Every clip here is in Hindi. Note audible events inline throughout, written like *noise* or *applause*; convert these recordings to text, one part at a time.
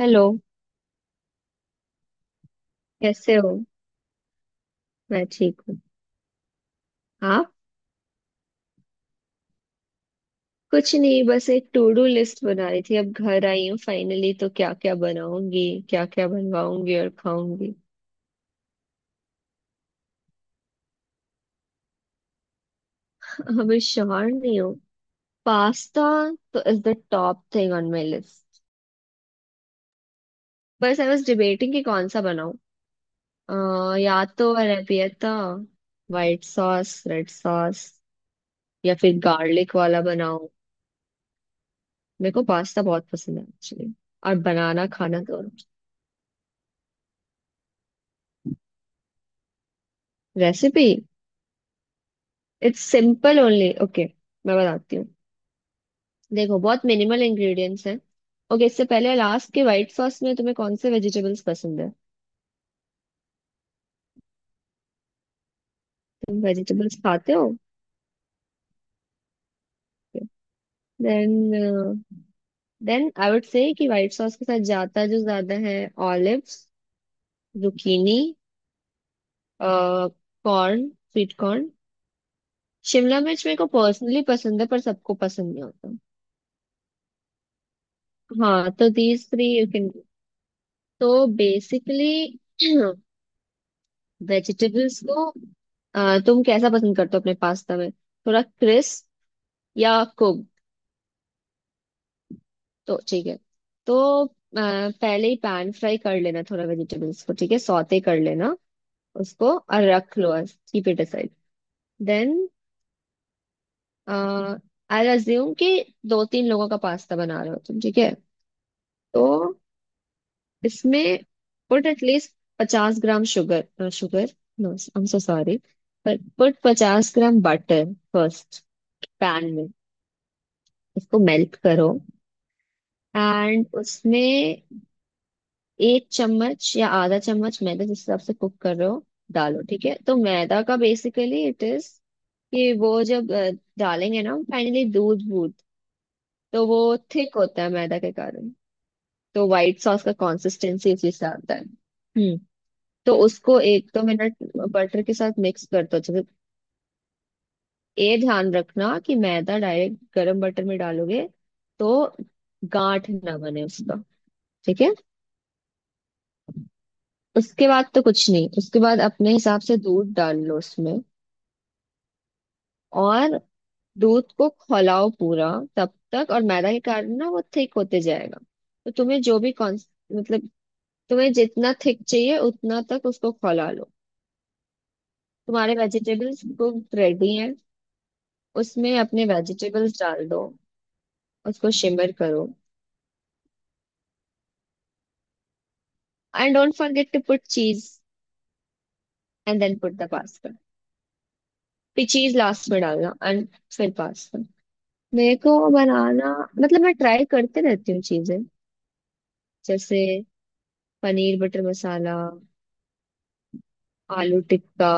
हेलो। कैसे हो? मैं ठीक हूँ। आप? कुछ नहीं, बस एक टू डू लिस्ट बना रही थी, अब घर आई हूँ फाइनली, तो क्या क्या बनाऊंगी, क्या क्या बनवाऊंगी और खाऊंगी। हमें श्योर नहीं हो। पास्ता तो is the top thing on my list. बस आई वॉज डिबेटिंग कि कौन सा बनाऊं। या तो arrabbiata, white sauce, red sauce, या फिर गार्लिक वाला बनाऊं। मेरे को पास्ता बहुत पसंद है एक्चुअली, और बनाना खाना दोनों। Recipe? It's simple only. Okay मैं बताती हूँ। देखो, बहुत मिनिमल इंग्रेडिएंट्स हैं। ओके, इससे पहले लास्ट के व्हाइट सॉस में तुम्हें कौन से वेजिटेबल्स पसंद है? तुम वेजिटेबल्स खाते हो? Then then I would say कि व्हाइट सॉस के साथ जाता जो ज्यादा है, olives, zucchini, corn, sweet corn, शिमला मिर्च मेरे को पर्सनली पसंद है पर सबको पसंद नहीं होता। हाँ तो दीज थ्री यू कैन। तो बेसिकली *clears throat* वेजिटेबल्स को, तुम कैसा पसंद करते हो अपने पास्ता में? थोड़ा क्रिस्प या कुक? तो ठीक है, तो अ, पहले ही पैन फ्राई कर लेना थोड़ा वेजिटेबल्स को, ठीक है, सौते कर लेना उसको और रख लो। Keep it aside. Then I assume कि दो तीन लोगों का पास्ता बना रहे हो तुम, ठीक है? तो इसमें put at least 50 gram sugar sugar, no I am so sorry, पर पुट 50 ग्राम बटर फर्स्ट पैन में। इसको मेल्ट करो, एंड उसमें एक चम्मच या आधा चम्मच मैदा, जिस हिसाब से कुक कर रहे हो, डालो। ठीक है, तो मैदा का बेसिकली इट इज कि वो जब डालेंगे ना फाइनली दूध वूध, तो वो थिक होता है मैदा के कारण। तो व्हाइट सॉस का कंसिस्टेंसी उसी से आता है। हम्म। तो उसको एक दो मिनट बटर के साथ मिक्स कर दो अच्छे से। ये ध्यान रखना कि मैदा डायरेक्ट गरम बटर में डालोगे तो गांठ ना बने उसका, ठीक है? उसके बाद तो कुछ नहीं, उसके बाद अपने हिसाब से दूध डाल लो उसमें, और दूध को खौलाओ पूरा तब तक, और मैदा के कारण ना वो थिक होते जाएगा। तो तुम्हें जो भी कौन, मतलब तुम्हें जितना थिक चाहिए उतना तक उसको खौला लो। तुम्हारे वेजिटेबल्स कुक रेडी हैं, उसमें अपने वेजिटेबल्स डाल दो। उसको शिमर करो। And don't forget to put cheese. And then put the pasta. फिर चीज लास्ट में डालना, एंड फिर पास्ता। मेरे को बनाना, मतलब मैं ट्राई करते रहती हूँ चीजें, जैसे पनीर बटर मसाला, आलू टिक्का।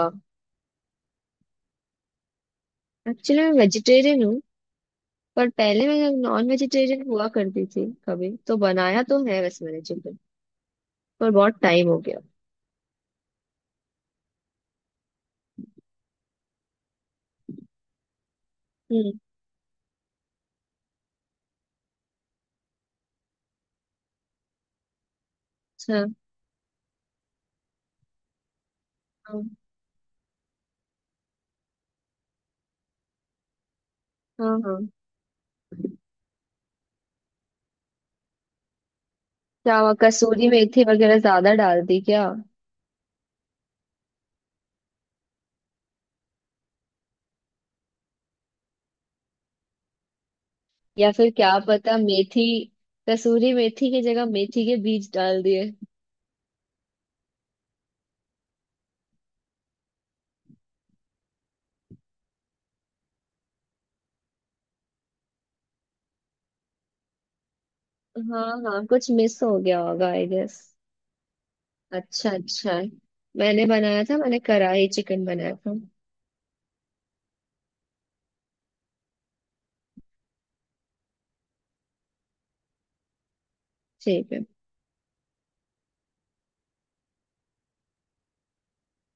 एक्चुअली मैं वेजिटेरियन हूँ, पर पहले मैं नॉन वेजिटेरियन हुआ करती थी, कभी तो बनाया तो है वैसे मैंने चिकन, पर बहुत टाइम हो गया। हम्म। अच्छा। हाँ, हाँ, हाँ। क्या हुआ, कसूरी मेथी वगैरह ज्यादा डाल दी क्या? या फिर क्या पता, मेथी, कसूरी मेथी की जगह मेथी के बीज डाल दिए। हाँ हाँ, कुछ मिस हो गया होगा आई गेस। अच्छा अच्छा। मैंने बनाया था, मैंने कढ़ाई चिकन बनाया था। ठीक है।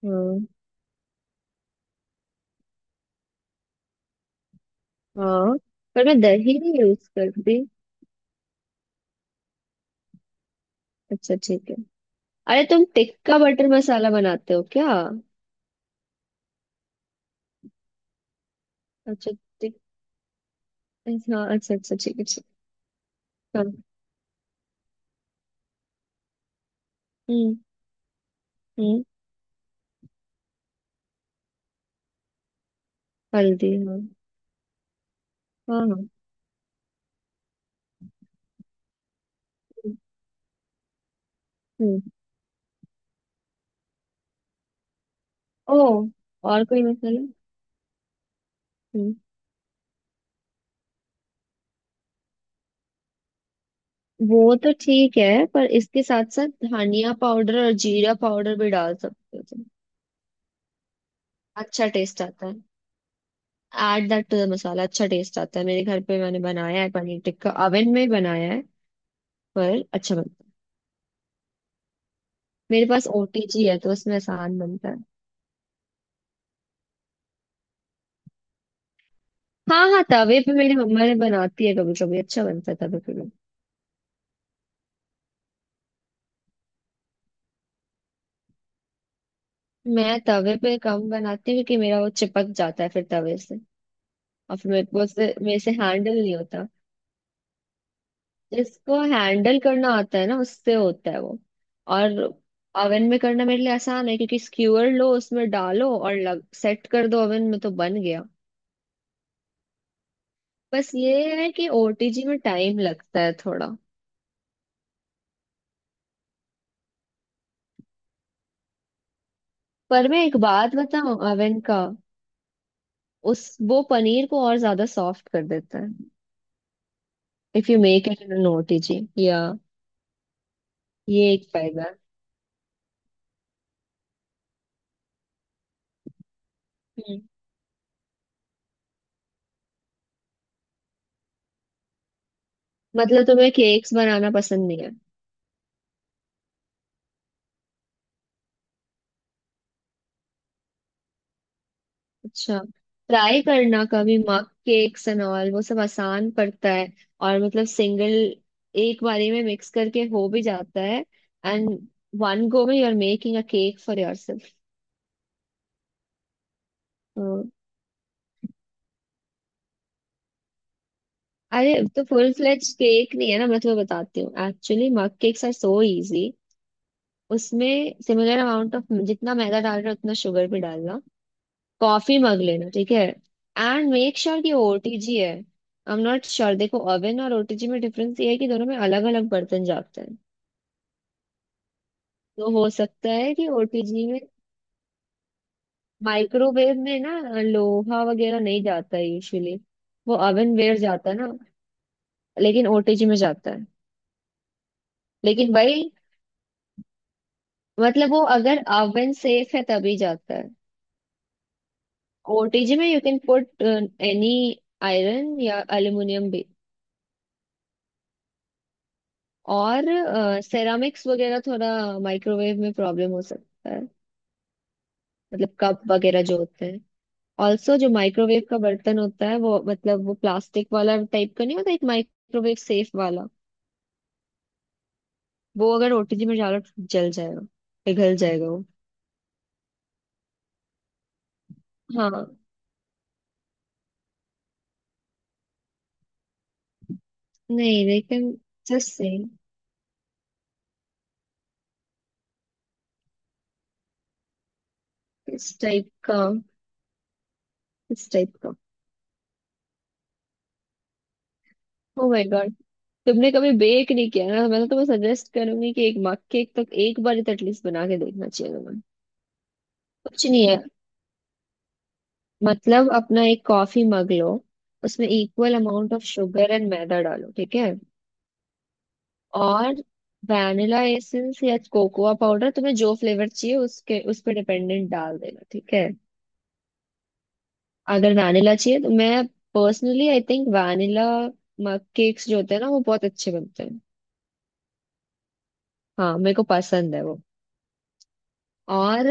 हाँ, हाँ। पर मैं दही नहीं यूज करती। अच्छा ठीक है। अरे, तुम टिक्का बटर मसाला बनाते हो क्या? अच्छा। टिक। हाँ, अच्छा अच्छा, ठीक है, ठीक है। हाँ। हम्म। हम्म। हल्दी, हाँ। हाँ, हाँ। हम्म। हम्म। ओ, और कोई मसाला? हम्म। वो तो ठीक है, पर इसके साथ साथ धनिया पाउडर और जीरा पाउडर भी डाल सकते हो तुम। अच्छा टेस्ट आता है। Add that to the masala, अच्छा टेस्ट आता है। मेरे घर पे मैंने बनाया है पनीर टिक्का, ओवन में ही बनाया है, पर अच्छा बनता है। मेरे पास ओटीजी है, तो उसमें आसान बनता है। हाँ हाँ, तवे पे मेरी मम्मा ने बनाती है कभी कभी, अच्छा बनता है तवे पे भी। मैं तवे पे कम बनाती हूँ क्योंकि मेरा वो चिपक जाता है फिर तवे से, और फिर मेरे को उससे मेरे से हैंडल नहीं होता। जिसको हैंडल करना आता है ना, उससे होता है वो। और ओवन में करना मेरे लिए आसान है, क्योंकि स्क्यूअर लो उसमें डालो और लग सेट कर दो ओवन में, तो बन गया। बस ये है कि ओटीजी में टाइम लगता है थोड़ा। पर मैं एक बात बताऊं, ओवन का, उस वो पनीर को और ज्यादा सॉफ्ट कर देता है if you make it in OTG या, ये एक फायदा है। हम्म। मतलब तुम्हें केक्स बनाना पसंद नहीं है? अच्छा। ट्राई करना कभी मग केक्स एंड ऑल, वो सब आसान पड़ता है, और मतलब सिंगल, एक बारी में मिक्स करके हो भी जाता है, एंड वन गो में you are making a cake for yourself. अरे, तो फुल फ्लेज केक नहीं है ना, मैं तुम्हें बताती हूँ, actually mug cakes are so easy. उसमें सिमिलर अमाउंट ऑफ, जितना मैदा डाल रहे हो उतना शुगर भी डालना। कॉफी मग लेना, ठीक है? एंड मेक श्योर कि ओटीजी है, आई एम नॉट श्योर। देखो, ओवन और ओटीजी में डिफरेंस ये है कि दोनों में अलग अलग बर्तन जाते हैं। तो हो सकता है कि ओटीजी में, माइक्रोवेव में ना लोहा वगैरह नहीं जाता है यूजुअली, वो ओवन वेयर जाता है ना, लेकिन ओटीजी में जाता है। लेकिन भाई, मतलब वो अगर ओवन सेफ है तभी जाता है। OTG में you can put any iron या aluminium भी, और सेरामिक्स वगैरह थोड़ा, माइक्रोवेव में प्रॉब्लम हो सकता है, मतलब कप वगैरह जो होते हैं। ऑल्सो जो माइक्रोवेव का बर्तन होता है, वो मतलब वो प्लास्टिक वाला टाइप का नहीं होता, एक माइक्रोवेव सेफ वाला, वो अगर ओटीजी में डालो तो जल जाएगा, पिघल जाएगा वो। हाँ। नहीं लेकिन जस्ट सेम। इस टाइप का, इस टाइप का। ओ माय गॉड, तुमने कभी बेक नहीं किया ना? मैं तो तुम्हें सजेस्ट करूंगी कि एक मग केक तो एक बार तो एटलीस्ट बना के देखना चाहिए तुम्हें। कुछ नहीं है, मतलब अपना एक कॉफी मग लो, उसमें equal amount of sugar and मैदा डालो, ठीक है? और वैनिला एसेंस या कोकोआ पाउडर, तुम्हें जो फ्लेवर चाहिए उसके उस पर डिपेंडेंट डाल देना, ठीक है? अगर वैनिला चाहिए तो, मैं personally I think vanilla mug cakes जो होते हैं ना वो बहुत अच्छे बनते हैं। हाँ, मेरे को पसंद है वो। और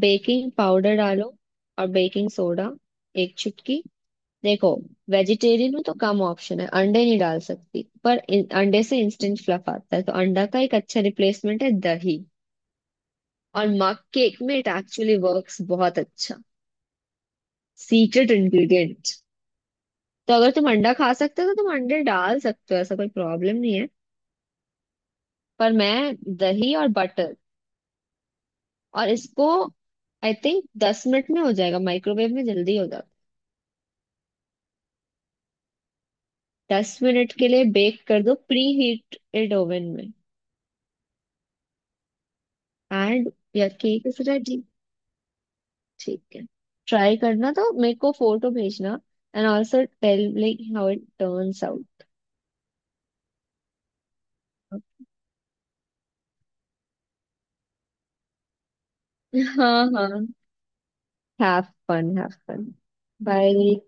बेकिंग पाउडर डालो, और बेकिंग सोडा एक चुटकी। देखो, वेजिटेरियन में तो कम ऑप्शन है, अंडे नहीं डाल सकती, पर अंडे से इंस्टेंट फ्लफ आता है, तो अंडा का एक अच्छा रिप्लेसमेंट है दही, और मग केक में इट एक्चुअली वर्क्स बहुत अच्छा। Secret ingredient. तो अगर तुम अंडा खा सकते हो तो तुम अंडे डाल सकते हो, ऐसा कोई प्रॉब्लम नहीं है, पर मैं दही और बटर। और इसको आई थिंक 10 मिनट में हो जाएगा, माइक्रोवेव में जल्दी हो जाएगा। 10 मिनट के लिए बेक कर दो प्री हीटेड ओवन में, and yeah cake is ready, ठीक है? ट्राई करना तो मेरे को फोटो भेजना, and also tell like how it turns out. हाँ, हाँ। Have fun, have fun. Bye.